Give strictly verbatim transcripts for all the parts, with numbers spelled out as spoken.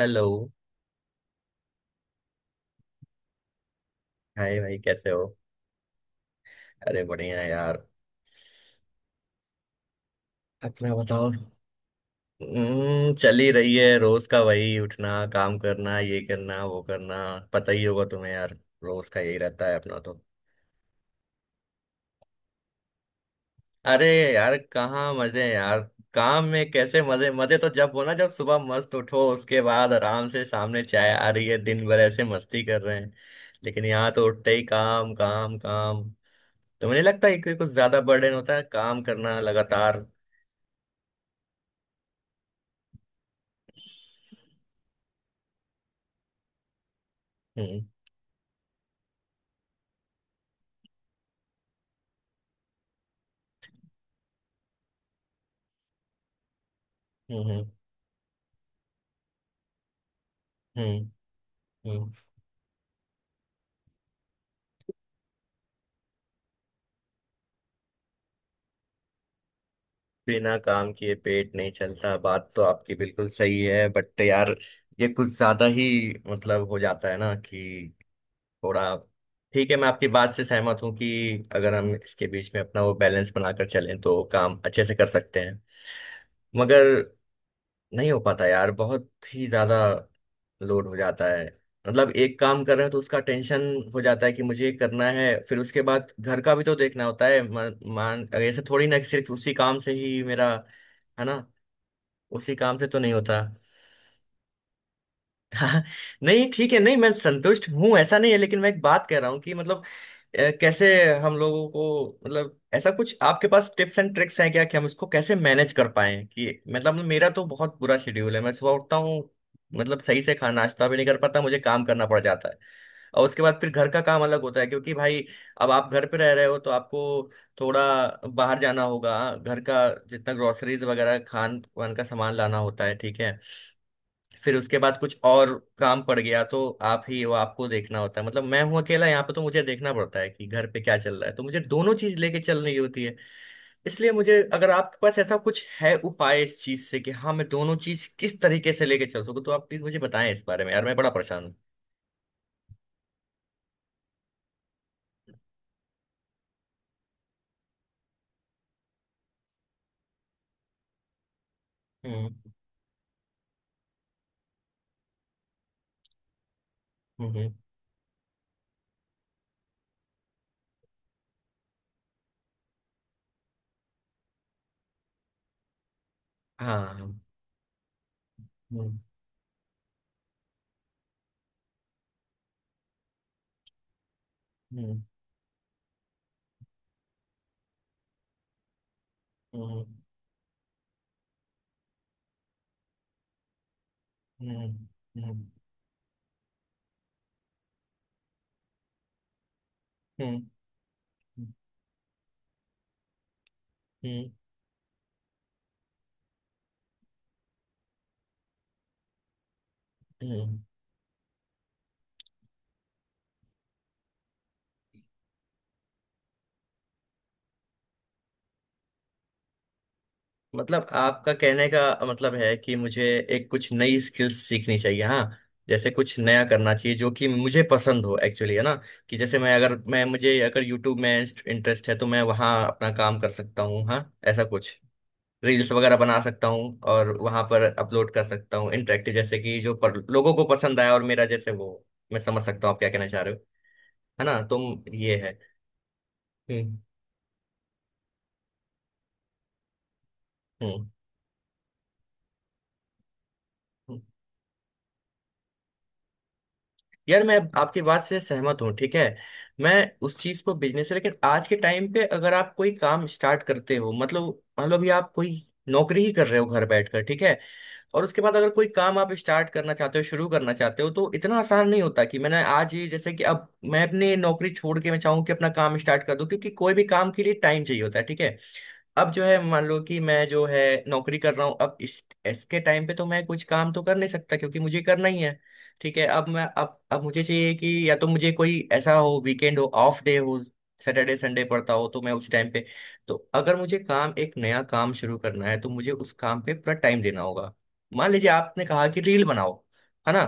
Hello. Hi भाई, कैसे हो? अरे बढ़िया है यार। अपना बताओ। हम्म, चल ही रही है। रोज का वही, उठना, काम करना, ये करना, वो करना। पता ही होगा तुम्हें यार। रोज का यही रहता है अपना तो। अरे यार, कहाँ मजे हैं यार? काम में कैसे मजे? मजे तो जब हो ना, जब सुबह मस्त उठो, उसके बाद आराम से सामने चाय आ रही है, दिन भर ऐसे मस्ती कर रहे हैं। लेकिन यहाँ तो उठते ही काम, काम, काम। तो मुझे लगता है कि कुछ ज्यादा बर्डन होता है काम करना लगातार। हम्म। हम्म। हम्म। हम्म। हम्म। बिना काम किए पेट नहीं चलता। बात तो आपकी बिल्कुल सही है बट यार, ये कुछ ज्यादा ही मतलब हो जाता है ना कि थोड़ा, ठीक है। मैं आपकी बात से सहमत हूँ कि अगर हम इसके बीच में अपना वो बैलेंस बनाकर चलें तो काम अच्छे से कर सकते हैं। मगर नहीं हो पाता यार, बहुत ही ज्यादा लोड हो जाता है। मतलब एक काम कर रहे हैं तो उसका टेंशन हो जाता है कि मुझे ये करना है, फिर उसके बाद घर का भी तो देखना होता है। मान मान- ऐसे थोड़ी ना कि सिर्फ उसी काम से ही मेरा। है ना? उसी काम से तो नहीं होता। हाँ। नहीं, ठीक है, नहीं, मैं संतुष्ट हूँ ऐसा नहीं है, लेकिन मैं एक बात कह रहा हूँ कि मतलब अ, कैसे हम लोगों को, मतलब ऐसा कुछ आपके पास टिप्स एंड ट्रिक्स हैं क्या कि हम इसको कैसे मैनेज कर पाए? कि मतलब मेरा तो बहुत बुरा शेड्यूल है। मैं सुबह उठता हूँ, मतलब सही से खाना नाश्ता भी नहीं कर पाता, मुझे काम करना पड़ जाता है। और उसके बाद फिर घर का काम अलग होता है क्योंकि भाई, अब आप घर पे रह रहे हो तो आपको थोड़ा बाहर जाना होगा। घर का जितना ग्रोसरीज वगैरह, खान वान का सामान लाना होता है, ठीक है। फिर उसके बाद कुछ और काम पड़ गया तो आप ही वो, आपको देखना होता है। मतलब मैं हूँ अकेला यहाँ पे, तो मुझे देखना पड़ता है कि घर पे क्या चल रहा है, तो मुझे दोनों चीज लेके चलनी होती है। इसलिए मुझे अगर आपके पास ऐसा कुछ है उपाय इस चीज से कि हाँ मैं दोनों चीज किस तरीके से लेके चल सकूँ, तो आप प्लीज मुझे बताएं इस बारे में यार, मैं बड़ा परेशान हूँ। हम्म। हम्म। हम्म। हाँ। हम्म। हम्म। हम्म। हम्म। हम्म। हम्म। हम्म। हम्म। हम्म। मतलब आपका कहने का मतलब है कि मुझे एक कुछ नई स्किल्स सीखनी चाहिए? हाँ, जैसे कुछ नया करना चाहिए जो कि मुझे पसंद हो एक्चुअली, है ना? कि जैसे, मैं अगर मैं मुझे अगर यूट्यूब में इंटरेस्ट है तो मैं वहाँ अपना काम कर सकता हूँ। हाँ, ऐसा कुछ रील्स वगैरह बना सकता हूँ और वहाँ पर अपलोड कर सकता हूँ इंटरेक्टिव, जैसे कि जो पर, लोगों को पसंद आया और मेरा जैसे वो, मैं समझ सकता हूँ आप क्या कहना चाह रहे हो। है ना? तुम, ये है। हम्म। हम्म। यार मैं आपकी बात से सहमत हूँ, ठीक है। मैं उस चीज को बिजनेस है, लेकिन आज के टाइम पे अगर आप कोई काम स्टार्ट करते हो, मतलब मान लो अभी आप कोई नौकरी ही कर रहे हो घर बैठकर, ठीक है। और उसके बाद अगर कोई काम आप स्टार्ट करना चाहते हो, शुरू करना चाहते हो, तो इतना आसान नहीं होता कि मैंने आज ये, जैसे कि अब मैं अपनी नौकरी छोड़ के मैं चाहूँ कि अपना काम स्टार्ट कर दूं, क्योंकि कोई भी काम के लिए टाइम चाहिए होता है, ठीक है। अब जो है, मान लो कि मैं जो है नौकरी कर रहा हूँ, अब इस इसके टाइम पे तो मैं कुछ काम तो कर नहीं सकता, क्योंकि मुझे करना ही है, ठीक है। अब मैं अब अब मुझे चाहिए कि या तो मुझे कोई ऐसा हो, वीकेंड हो, ऑफ डे हो, सैटरडे संडे पड़ता हो, तो मैं उस टाइम पे, तो अगर मुझे काम एक नया काम शुरू करना है तो मुझे उस काम पे पूरा टाइम देना होगा। मान लीजिए आपने कहा कि रील बनाओ, है ना?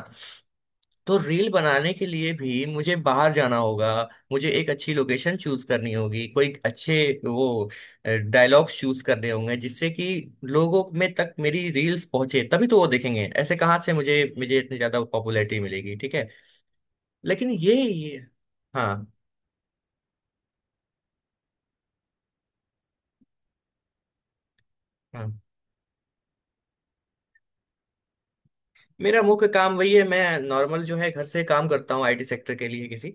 तो रील बनाने के लिए भी मुझे बाहर जाना होगा। मुझे एक अच्छी लोकेशन चूज करनी होगी, कोई अच्छे वो डायलॉग्स चूज करने होंगे जिससे कि लोगों में तक मेरी रील्स पहुंचे, तभी तो वो देखेंगे। ऐसे कहाँ से मुझे मुझे इतनी ज्यादा पॉपुलैरिटी मिलेगी, ठीक है। लेकिन ये ये, हाँ हाँ। मेरा मुख्य काम वही है, मैं नॉर्मल जो है घर से काम करता हूँ आईटी सेक्टर के लिए किसी।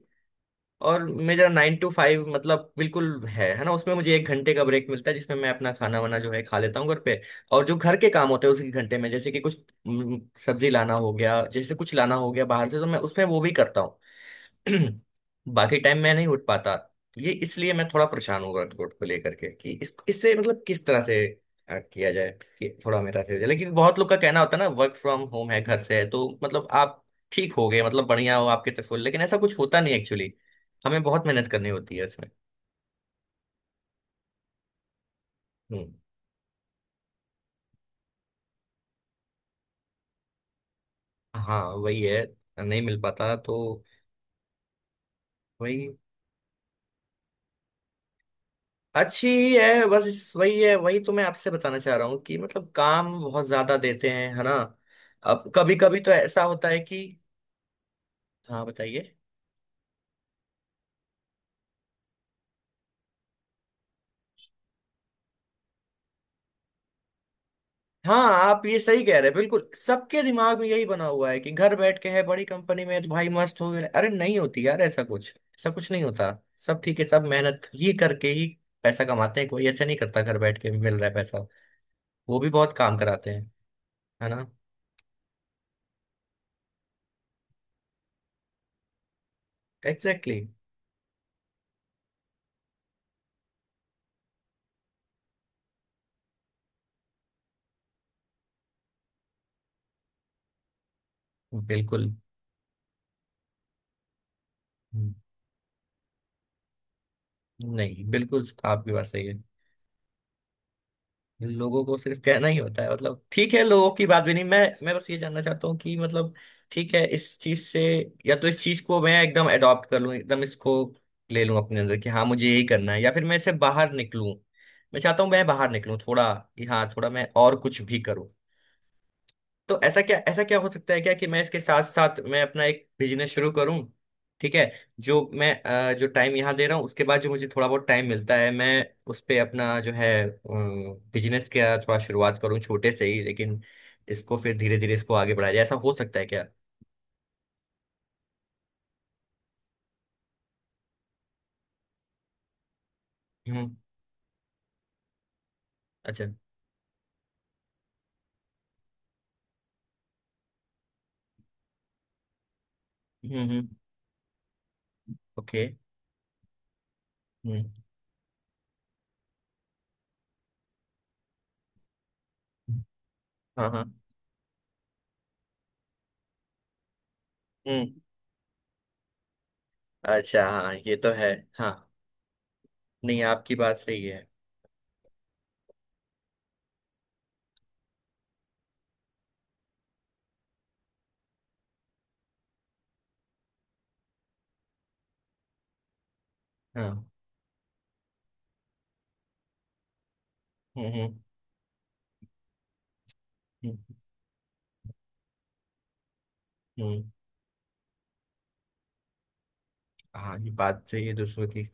और मेरा नाइन टू फाइव मतलब बिल्कुल है है ना? उसमें मुझे एक घंटे का ब्रेक मिलता है जिसमें मैं अपना खाना वाना जो है खा लेता हूँ घर पे। और जो घर के काम होते हैं उसी घंटे में, जैसे कि कुछ, हम्म, सब्जी लाना हो गया, जैसे कुछ लाना हो गया बाहर से, तो मैं उसमें वो भी करता हूँ। बाकी टाइम मैं नहीं उठ पाता। ये, इसलिए मैं थोड़ा परेशान हूँ वर्कआउट को लेकर के कि इस इससे मतलब किस तरह से अ, किया जाए कि थोड़ा मेरा सही हो जाए। लेकिन बहुत लोग का कहना होता है ना, वर्क फ्रॉम होम है, घर से है, तो मतलब आप ठीक हो गए, मतलब बढ़िया हो आपके तरफ, लेकिन ऐसा कुछ होता नहीं एक्चुअली। हमें बहुत मेहनत करनी होती है इसमें। हम्म। हाँ, वही है, नहीं मिल पाता तो। वही अच्छी ही है, बस इस- वही है, वही तो मैं आपसे बताना चाह रहा हूँ कि मतलब काम बहुत ज्यादा देते हैं, है ना? अब कभी कभी तो ऐसा होता है कि, हाँ बताइए। हाँ, आप ये सही कह रहे हैं, बिल्कुल सबके दिमाग में यही बना हुआ है कि घर बैठ के है, बड़ी कंपनी में है, तो भाई मस्त हो गए। अरे नहीं होती यार, ऐसा कुछ, ऐसा कुछ नहीं होता। सब ठीक है, सब मेहनत ये करके ही पैसा कमाते हैं। कोई ऐसा नहीं करता, घर बैठ के भी मिल रहा है पैसा। वो भी बहुत काम कराते हैं, है ना? एग्जैक्टली। Exactly. बिल्कुल। हम्म, नहीं, बिल्कुल आपकी बात सही है। लोगों को सिर्फ कहना ही होता है, मतलब ठीक है, लोगों की बात भी नहीं। मैं मैं बस ये जानना चाहता हूँ कि मतलब, ठीक है, इस चीज से या तो इस चीज को मैं एकदम अडॉप्ट कर लूँ, एकदम इसको ले लूँ अपने अंदर कि हाँ मुझे यही करना है, या फिर मैं इससे बाहर निकलूँ। मैं चाहता हूँ मैं बाहर निकलूँ थोड़ा, कि हाँ थोड़ा मैं और कुछ भी करूँ। तो ऐसा क्या, ऐसा क्या हो सकता है क्या कि मैं इसके साथ साथ मैं अपना एक बिजनेस शुरू करूं, ठीक है। जो मैं अ, जो टाइम यहाँ दे रहा हूँ उसके बाद जो मुझे थोड़ा बहुत टाइम मिलता है, मैं उस पे अपना जो है बिजनेस का थोड़ा शुरुआत करूँ, छोटे से ही, लेकिन इसको फिर धीरे धीरे इसको आगे बढ़ाया जाए, ऐसा हो सकता है क्या? हम्म। अच्छा। हम्म। हम्म। ओके। हम्म। हाँ हाँ। हम्म। अच्छा। हाँ, ये तो है। हाँ, नहीं, आपकी बात सही है। हाँ। हम्म। हम्म। हम्म। हम्म। हाँ, ये बात सही है, दूसरों की।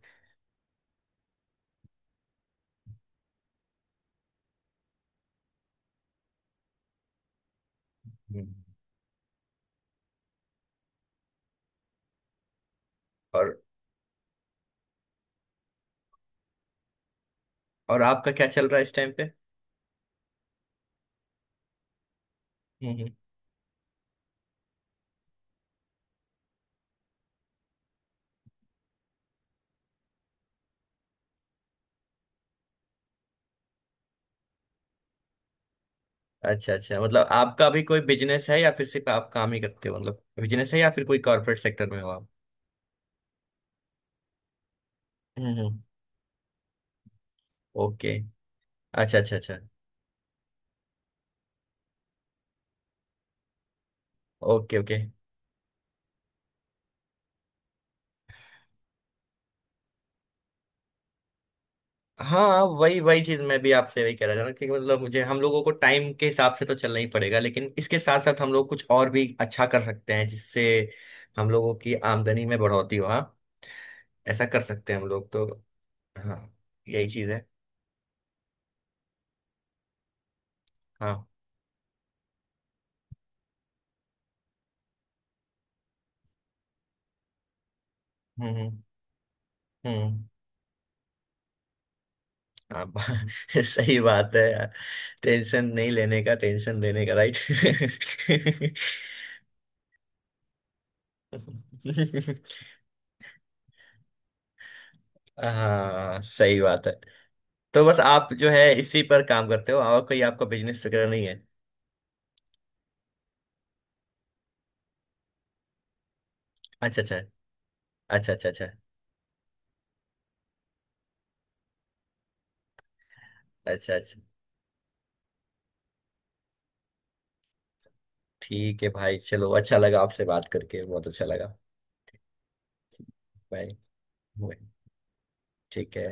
हम्म। और और आपका क्या चल रहा है इस टाइम पे? हम्म। हम्म। अच्छा अच्छा, मतलब आपका भी कोई बिजनेस है या फिर सिर्फ आप काम ही करते हो, मतलब बिजनेस है या फिर कोई कॉर्पोरेट सेक्टर में हो आप? हम्म, हम्म। ओके। अच्छा अच्छा अच्छा। Okay okay. हाँ, वही वही चीज मैं भी आपसे वही कह रहा था ना कि मतलब मुझे, हम लोगों को टाइम के हिसाब से तो चलना ही पड़ेगा, लेकिन इसके साथ साथ हम लोग कुछ और भी अच्छा कर सकते हैं जिससे हम लोगों की आमदनी में बढ़ोतरी हो। हाँ, ऐसा कर सकते हैं हम लोग तो। हाँ, यही चीज है। हाँ। हम्म। हम्म। हम्म। हाँ बा- सही बात है यार। टेंशन नहीं लेने का, टेंशन देने का, राइट। हाँ सही बात है। तो बस आप जो है इसी पर काम करते हो और कोई आपका बिजनेस वगैरह नहीं है? अच्छा अच्छा अच्छा। अच्छा अच्छा अच्छा अच्छा। ठीक है भाई, चलो अच्छा लगा, आपसे बात करके बहुत अच्छा लगा। बाय। बाय। ठीक है।